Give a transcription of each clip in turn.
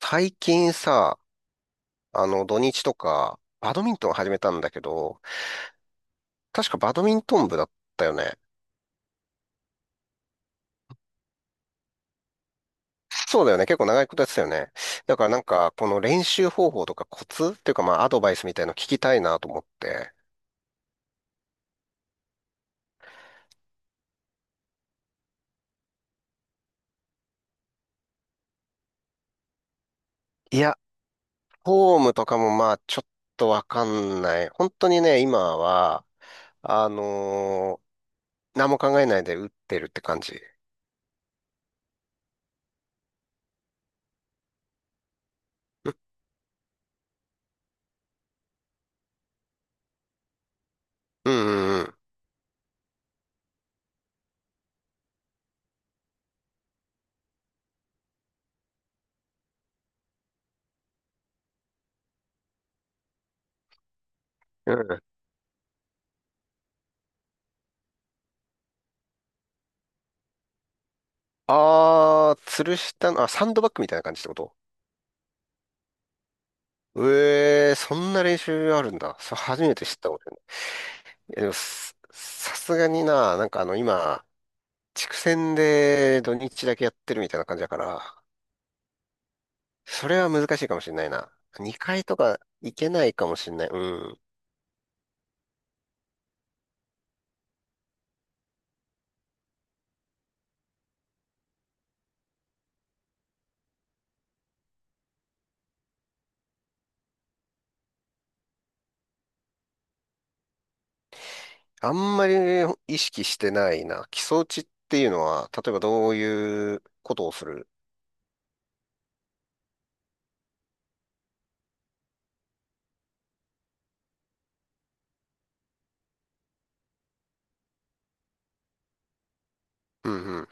最近さ、土日とか、バドミントン始めたんだけど、確かバドミントン部だったよね。そうだよね。結構長いことやってたよね。だからなんか、この練習方法とかコツっていうかまあ、アドバイスみたいの聞きたいなと思って。いや、フォームとかもまあ、ちょっとわかんない。本当にね、今は、あのー何も考えないで打ってるって感じ。うんうんうん。うん。あー、吊るしたの、あ、サンドバッグみたいな感じってこと？ええ、そんな練習あるんだ。それ初めて知ったことない。いやでも、さすがにな、なんか今、地区戦で土日だけやってるみたいな感じだから、それは難しいかもしれないな。2回とか行けないかもしれない。うん。あんまり意識してないな。基礎打ちっていうのは、例えばどういうことをする？うんうん。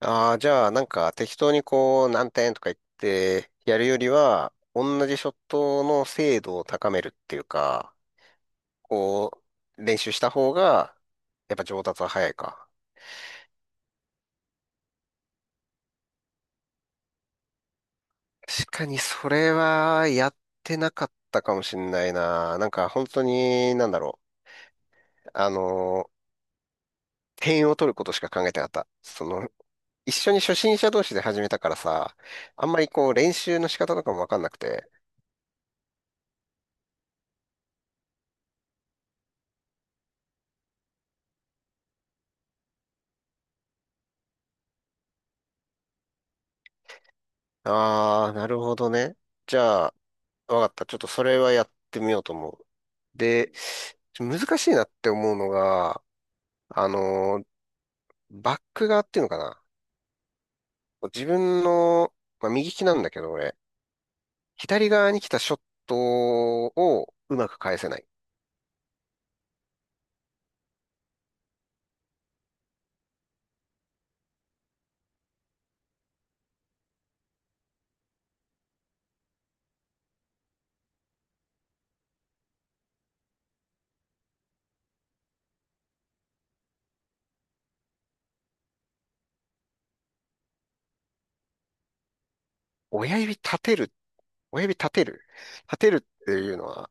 ああ、じゃあなんか適当にこう何点とか言ってやるよりは、同じショットの精度を高めるっていうか、こう、練習した方が、やっぱ上達は早いか。確かにそれはやってなかったかもしんないな。なんか本当に、なんだろう。点を取ることしか考えてなかった。その、一緒に初心者同士で始めたからさ、あんまりこう練習の仕方とかもわかんなくて。ああ、なるほどね。じゃあ、わかった。ちょっとそれはやってみようと思う。で、難しいなって思うのが、あの、バック側っていうのかな。自分の、まあ、右利きなんだけど、俺、左側に来たショットをうまく返せない。親指立てる、親指立てる、立てるっていうのは、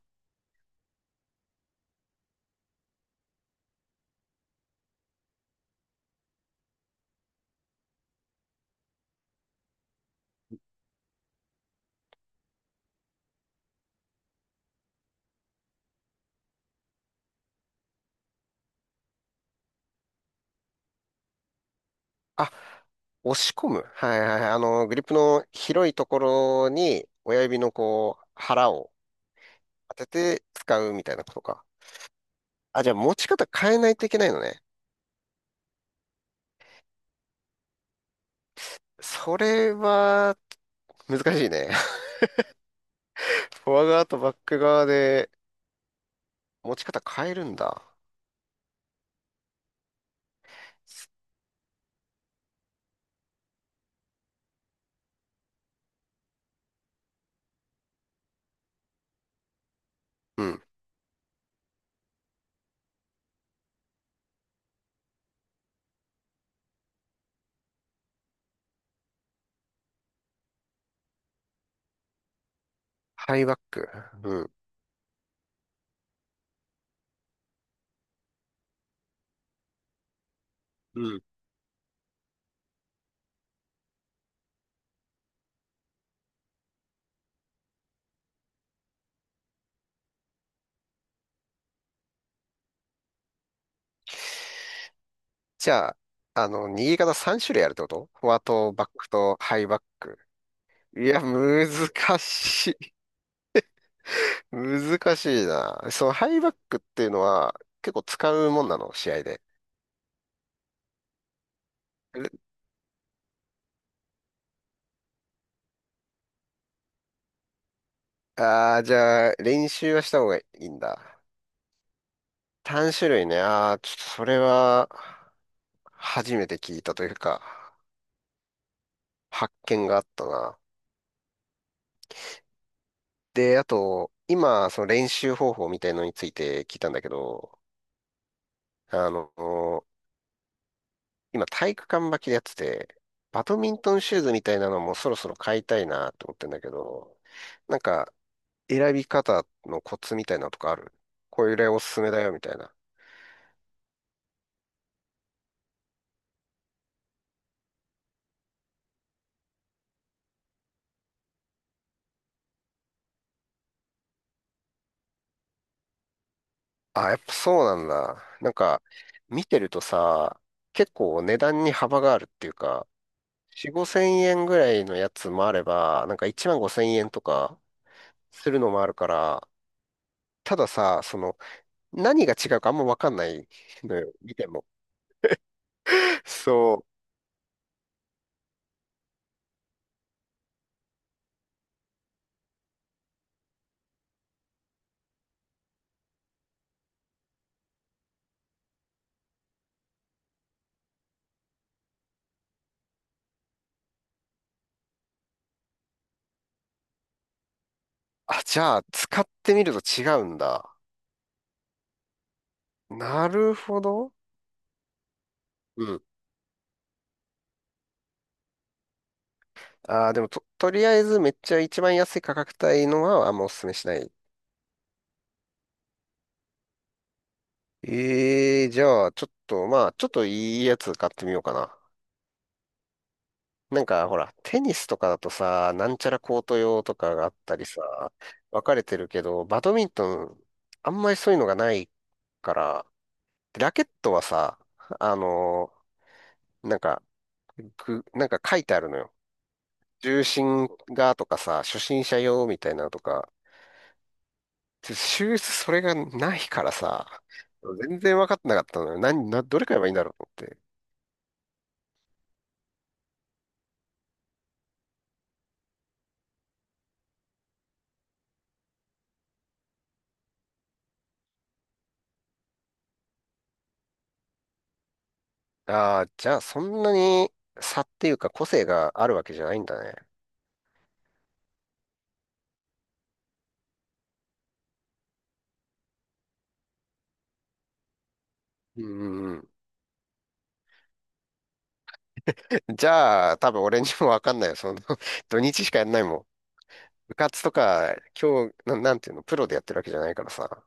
あ、押し込む。はいはいはい。グリップの広いところに親指のこう、腹を当てて使うみたいなことか。あ、じゃあ持ち方変えないといけないのね。それは難しいね。フォア側とバック側で持ち方変えるんだ。うん。ハイバック。うん。うん。じゃあ、握り方3種類あるってこと？フォアとバックとハイバック。いや、難しい。難しいな。そのハイバックっていうのは結構使うもんなの、試合で？ああー、じゃあ、練習はした方がいいんだ。3種類ね。ああ、ちょっとそれは初めて聞いたというか、発見があったな。で、あと、今、その練習方法みたいのについて聞いたんだけど、あの、今体育館履きでやってて、バドミントンシューズみたいなのもそろそろ買いたいなと思ってんだけど、なんか選び方のコツみたいなのとかある？これおすすめだよみたいな。あ、やっぱそうなんだ。なんか見てるとさ、結構値段に幅があるっていうか、4、5千円ぐらいのやつもあれば、なんか1万5千円とかするのもあるから、たださ、その何が違うかあんまわかんないのよ、見ても。そう。あ、じゃあ、使ってみると違うんだ。なるほど。うん。ああ、でも、とりあえずめっちゃ一番安い価格帯のはあんまおすすめしない。ええ、じゃあ、ちょっと、まあ、ちょっといいやつ買ってみようかな。なんか、ほら、テニスとかだとさ、なんちゃらコート用とかがあったりさ、分かれてるけど、バドミントン、あんまりそういうのがないから、ラケットはさ、あのなんか、なんか書いてあるのよ。重心がとかさ、初心者用みたいなのとか、修正それがないからさ、全然分かってなかったのよ。どれ買えばいいんだろうと思って。ああ、じゃあそんなに差っていうか個性があるわけじゃないんだね。うんうんうん。じゃあ、多分俺にも分かんないよ。その 土日しかやんないもん。部活とか、今日、なんていうの、プロでやってるわけじゃないからさ。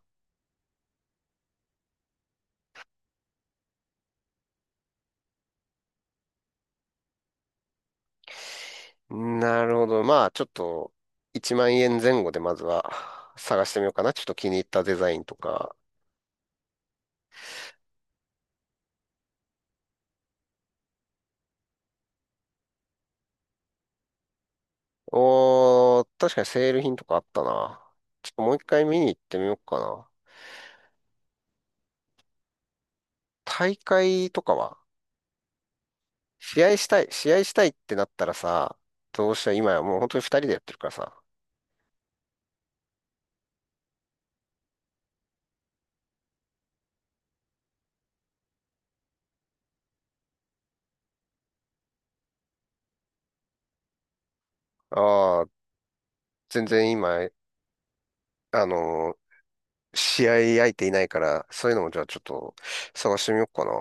なるほど。まあ、ちょっと、1万円前後でまずは 探してみようかな。ちょっと気に入ったデザインとか。おー、確かにセール品とかあったな。ちょっともう一回見に行ってみようかな。大会とかは試合したい、試合したいってなったらさ、どうしたら今やもう本当に二人でやってるからさ。ああ、全然今、あのー試合相手いないから、そういうのもじゃあちょっと探してみようかな。